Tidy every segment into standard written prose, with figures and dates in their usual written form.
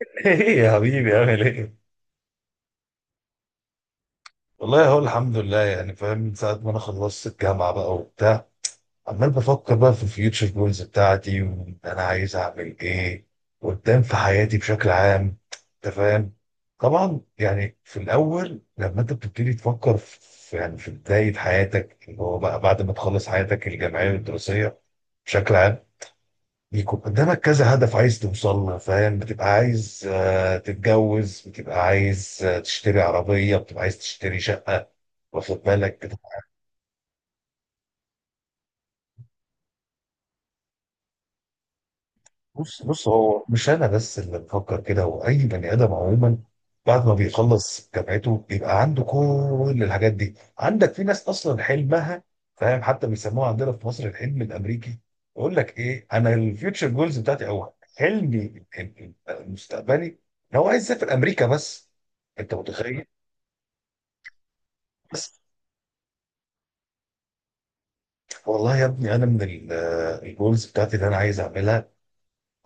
ايه يا حبيبي عامل ايه؟ والله هو الحمد لله، يعني فاهم من ساعة ما انا خلصت الجامعة بقى وبتاع، عمال بفكر بقى في الفيوتشر جولز بتاعتي وانا عايز اعمل ايه قدام في حياتي بشكل عام. انت فاهم؟ طبعا يعني في الاول لما انت بتبتدي تفكر في، يعني في بداية حياتك اللي هو بقى بعد ما تخلص حياتك الجامعية والدراسية بشكل عام، بيكون قدامك كذا هدف عايز توصل له. فاهم؟ بتبقى عايز تتجوز، بتبقى عايز تشتري عربية، بتبقى عايز تشتري شقة. واخد بالك؟ بص بص، هو مش انا بس اللي بفكر كده، هو اي بني ادم عموما بعد ما بيخلص جامعته بيبقى عنده كل الحاجات دي. عندك في ناس اصلا حلمها، فاهم، حتى بيسموها عندنا في مصر الحلم الامريكي. يقول لك ايه، انا الفيوتشر جولز بتاعتي او حلمي المستقبلي ان هو عايز يسافر امريكا بس. انت متخيل؟ بس والله يا ابني، انا من الجولز بتاعتي اللي انا عايز اعملها،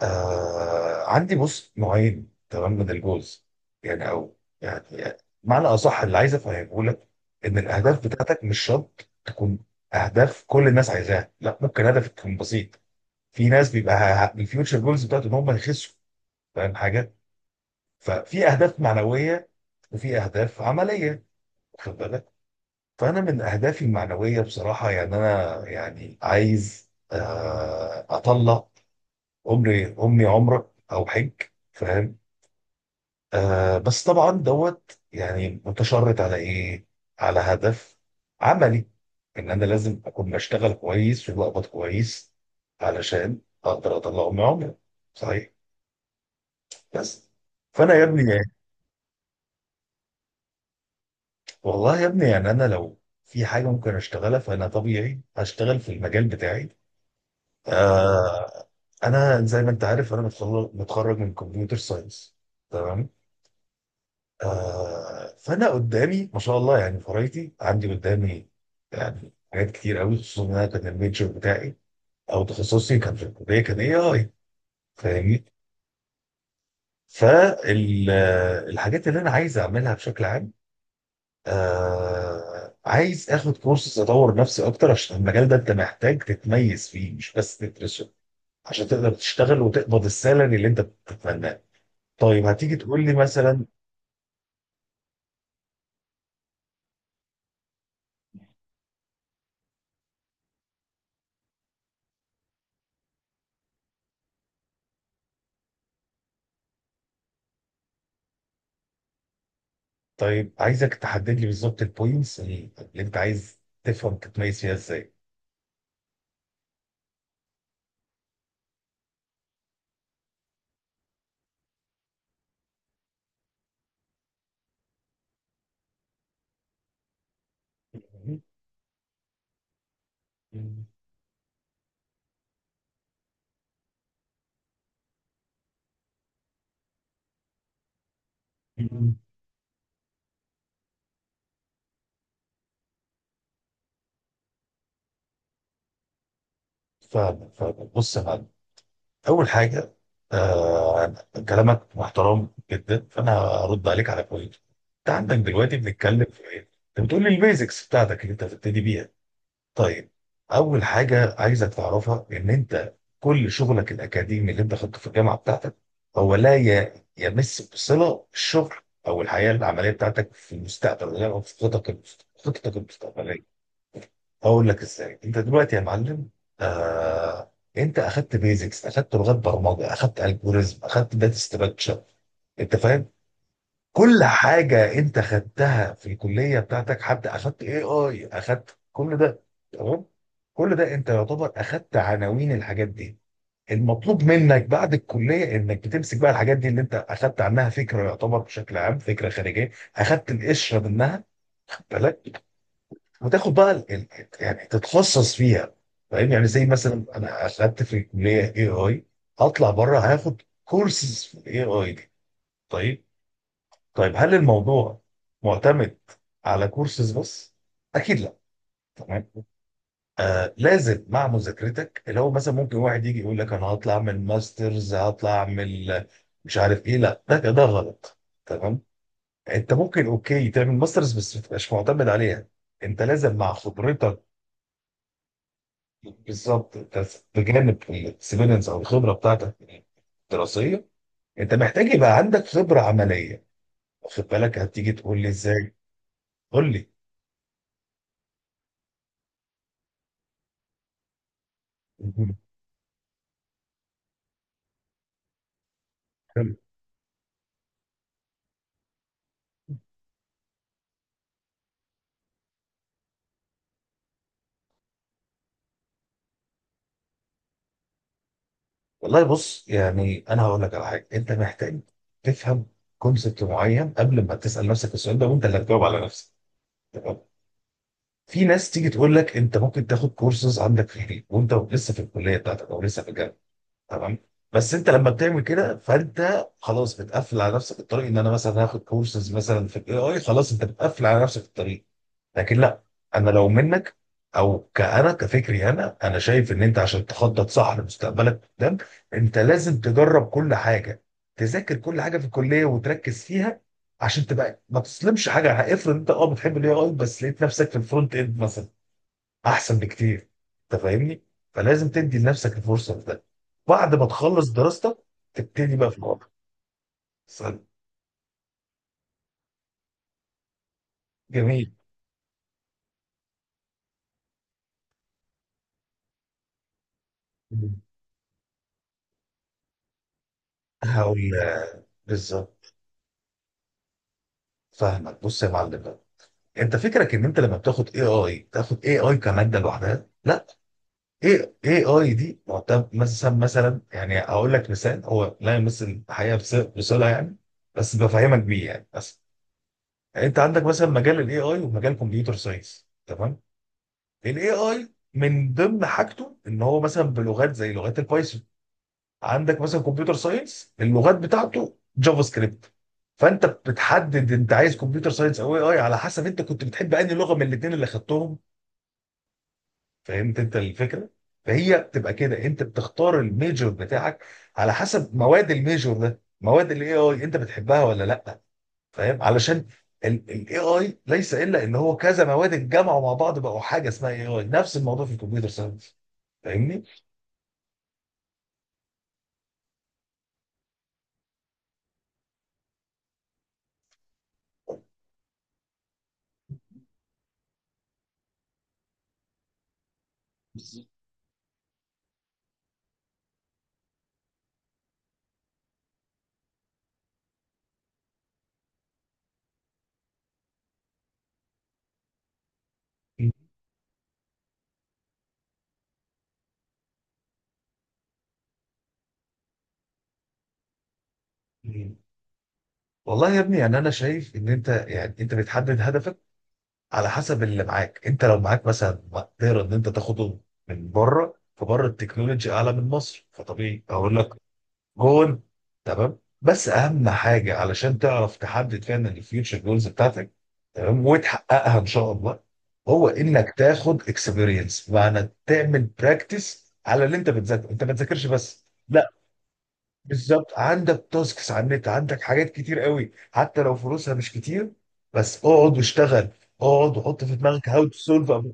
عندي بص نوعين تمام من الجوز، يعني او معنى اصح اللي عايز افهمه لك، ان الاهداف بتاعتك مش شرط تكون اهداف كل الناس عايزاها، لا، ممكن هدفك يكون بسيط. في ناس بيبقى الفيوتشر جولز بتاعته ان هم يخسوا، فاهم حاجه. ففي اهداف معنويه وفي اهداف عمليه، واخد بالك. فانا من اهدافي المعنويه بصراحه، يعني انا يعني عايز اطلع عمري امي، عمرك او حج، فاهم. بس طبعا دوت، يعني متشرط على ايه؟ على هدف عملي، ان انا لازم اكون بشتغل كويس وبقبض كويس، علشان اقدر اطلع من عمري. صحيح؟ بس. فانا يا ابني يعني، والله يا ابني يعني، انا لو في حاجه ممكن اشتغلها فانا طبيعي هشتغل في المجال بتاعي. آه. انا زي ما انت عارف، انا متخرج من كمبيوتر ساينس، تمام. آه، فانا قدامي ما شاء الله، يعني فرايتي عندي قدامي، يعني حاجات كتير قوي، خصوصا ان انا كان الميجر بتاعي او تخصصي كان في الكليه كان اي اي، فاهمني. فالحاجات اللي انا عايز اعملها بشكل عام، آه، عايز اخد كورسز اطور نفسي اكتر، عشان المجال ده انت محتاج تتميز فيه مش بس تدرسه، عشان تقدر تشتغل وتقبض السالري اللي انت بتتمناه. طيب، هتيجي تقول لي مثلا، طيب عايزك تحدد لي بالظبط البوينتس اللي انت عايز تفهم تتميز فيها ازاي. فاهم بص يا معلم. اول حاجه، آه، كلامك محترم جدا، فانا هرد عليك على بوينت. انت عندك دلوقتي بنتكلم في ايه؟ انت بتقول لي البيزكس بتاعتك اللي انت هتبتدي بيها. طيب، اول حاجه عايزك تعرفها ان انت كل شغلك الاكاديمي اللي انت خدته في الجامعه بتاعتك هو لا يمس بصله الشغل او الحياه العمليه بتاعتك في المستقبل، او في خططك خططك المستقبليه. هقول لك ازاي. انت دلوقتي يا معلم، آه، انت اخدت بيزكس، اخدت لغات برمجه، اخدت الجوريزم، اخدت داتا ستراكشر، انت فاهم. كل حاجة انت خدتها في الكلية بتاعتك، حتى اخدت اي اي، اخدت كل ده، تمام. كل ده انت يعتبر اخدت عناوين الحاجات دي. المطلوب منك بعد الكلية انك بتمسك بقى الحاجات دي اللي انت اخدت عنها فكرة، يعتبر بشكل عام فكرة خارجية، اخدت القشرة منها، خد بالك، وتاخد بقى يعني تتخصص فيها. فاهم يعني، زي مثلا انا اخدت في الكلية اي اي، هطلع بره هاخد كورسز في الاي اي دي. طيب، طيب هل الموضوع معتمد على كورسز بس؟ اكيد لا. تمام. آه، لازم مع مذاكرتك، اللي هو مثلا ممكن واحد يجي يقول لك انا هطلع اعمل ماسترز، هطلع اعمل مش عارف ايه، لا، ده غلط. تمام. انت ممكن اوكي تعمل ماسترز، بس ما تبقاش معتمد عليها، انت لازم مع خبرتك، بالظبط. أنت بجانب الاكسبيرينس او الخبره بتاعتك الدراسيه، انت محتاج يبقى عندك خبره عمليه. واخد بالك؟ هتيجي تقول لي ازاي، قول لي. والله بص، يعني انا هقول لك على حاجه. انت محتاج تفهم كونسبت معين قبل ما تسال نفسك السؤال ده، وانت اللي هتجاوب على نفسك. تمام. في ناس تيجي تقول لك انت ممكن تاخد كورسز عندك في البيت، وانت لسه في الكليه بتاعتك او لسه في الجامعه، تمام. بس انت لما بتعمل كده فانت خلاص بتقفل على نفسك الطريق، ان انا مثلا هاخد كورسز مثلا في الاي اي، خلاص انت بتقفل على نفسك الطريق. لكن لا. انا لو منك، او كأنا كفكري انا شايف ان انت عشان تخطط صح لمستقبلك قدام، انت لازم تجرب كل حاجه، تذاكر كل حاجه في الكليه وتركز فيها، عشان تبقى ما تسلمش حاجه. افرض انت اه بتحب الاي اي بس لقيت نفسك في الفرونت اند مثلا، احسن بكتير. انت فاهمني. فلازم تدي لنفسك الفرصه في ده، بعد ما تخلص دراستك تبتدي بقى في الواقع. سؤال جميل. مم. هقول، بالظبط. فاهمك بص يا معلم بقى، انت فكرك ان انت لما بتاخد اي اي تاخد اي اي كماده لوحدها، لا. اي اي اي دي معتمد، مثلا يعني، هقول لك مثال هو لا يمثل الحقيقه بصله، يعني بس بفهمك بيه، يعني بس. يعني انت عندك مثلا مجال الاي اي ومجال كمبيوتر ساينس، تمام. الاي اي من ضمن حاجته ان هو مثلا بلغات زي لغات البايثون، عندك مثلا كمبيوتر ساينس اللغات بتاعته جافا سكريبت. فانت بتحدد انت عايز كمبيوتر ساينس او اي اي على حسب انت كنت بتحب انهي لغه من الاثنين اللي خدتهم. فهمت انت الفكره؟ فهي بتبقى كده، انت بتختار الميجور بتاعك على حسب مواد الميجور ده، مواد الاي اي انت بتحبها ولا لا. فاهم؟ علشان الاي اي ليس الا ان هو كذا مواد اتجمعوا مع بعض بقوا حاجه اسمها اي اي، نفس الموضوع في الكمبيوتر ساينس. فاهمني. بالظبط. مم. والله يا ابني يعني انا شايف ان انت يعني انت بتحدد هدفك على حسب اللي معاك. انت لو معاك مثلا مقدره ان انت تاخده من بره، فبره التكنولوجي اعلى من مصر، فطبيعي اقول لك جون. تمام، بس اهم حاجه علشان تعرف تحدد فعلا الفيوتشر جولز بتاعتك، تمام، وتحققها ان شاء الله، هو انك تاخد اكسبيرينس، معنى تعمل براكتس على اللي انت بتذاكره، انت ما تذاكرش بس، لا. بالظبط، عندك تاسكس على النت، عندك حاجات كتير قوي، حتى لو فلوسها مش كتير، بس اقعد واشتغل، اقعد وحط في دماغك هاو تو سولف.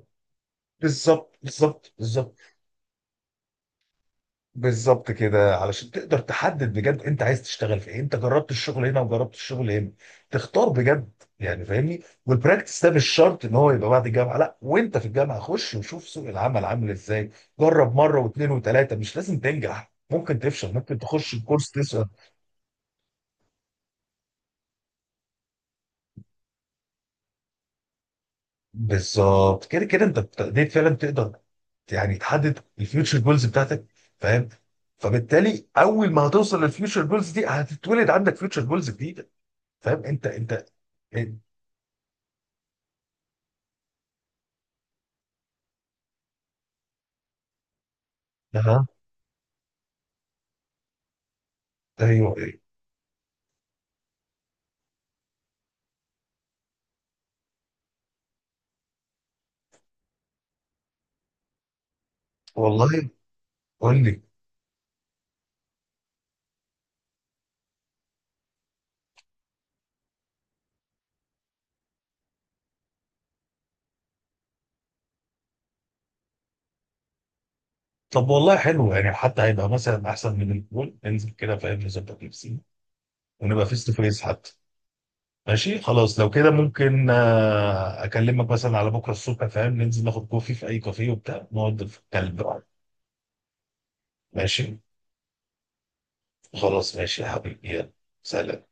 بالظبط بالظبط بالظبط. بالظبط كده، علشان تقدر تحدد بجد انت عايز تشتغل في ايه، انت جربت الشغل هنا وجربت الشغل هنا، تختار بجد، يعني فاهمني. والبراكتس ده مش شرط ان هو يبقى بعد الجامعه، لا، وانت في الجامعه خش وشوف سوق العمل عامل ازاي. جرب مره واثنين وثلاثه، مش لازم تنجح، ممكن تفشل، ممكن تخش الكورس تسأل. بالظبط كده كده انت ابتديت فعلا تقدر يعني تحدد الفيوتشر جولز بتاعتك، فاهم. فبالتالي اول ما هتوصل للفيوتشر جولز دي هتتولد عندك فيوتشر جولز جديده، فاهم. انت اها، ايوه ايوه. والله، قول لي. طب والله حلو، يعني حتى هيبقى مثلا احسن من البول، ننزل كده، فاهم، نظبط نفسي، ونبقى فيس تو فيس حتى. ماشي خلاص، لو كده ممكن اكلمك مثلا على بكره الصبح، فاهم، ننزل ناخد كوفي في اي كافيه وبتاع، نقعد في الكلب. ماشي. خلاص ماشي يا حبيبي، يلا، سلام.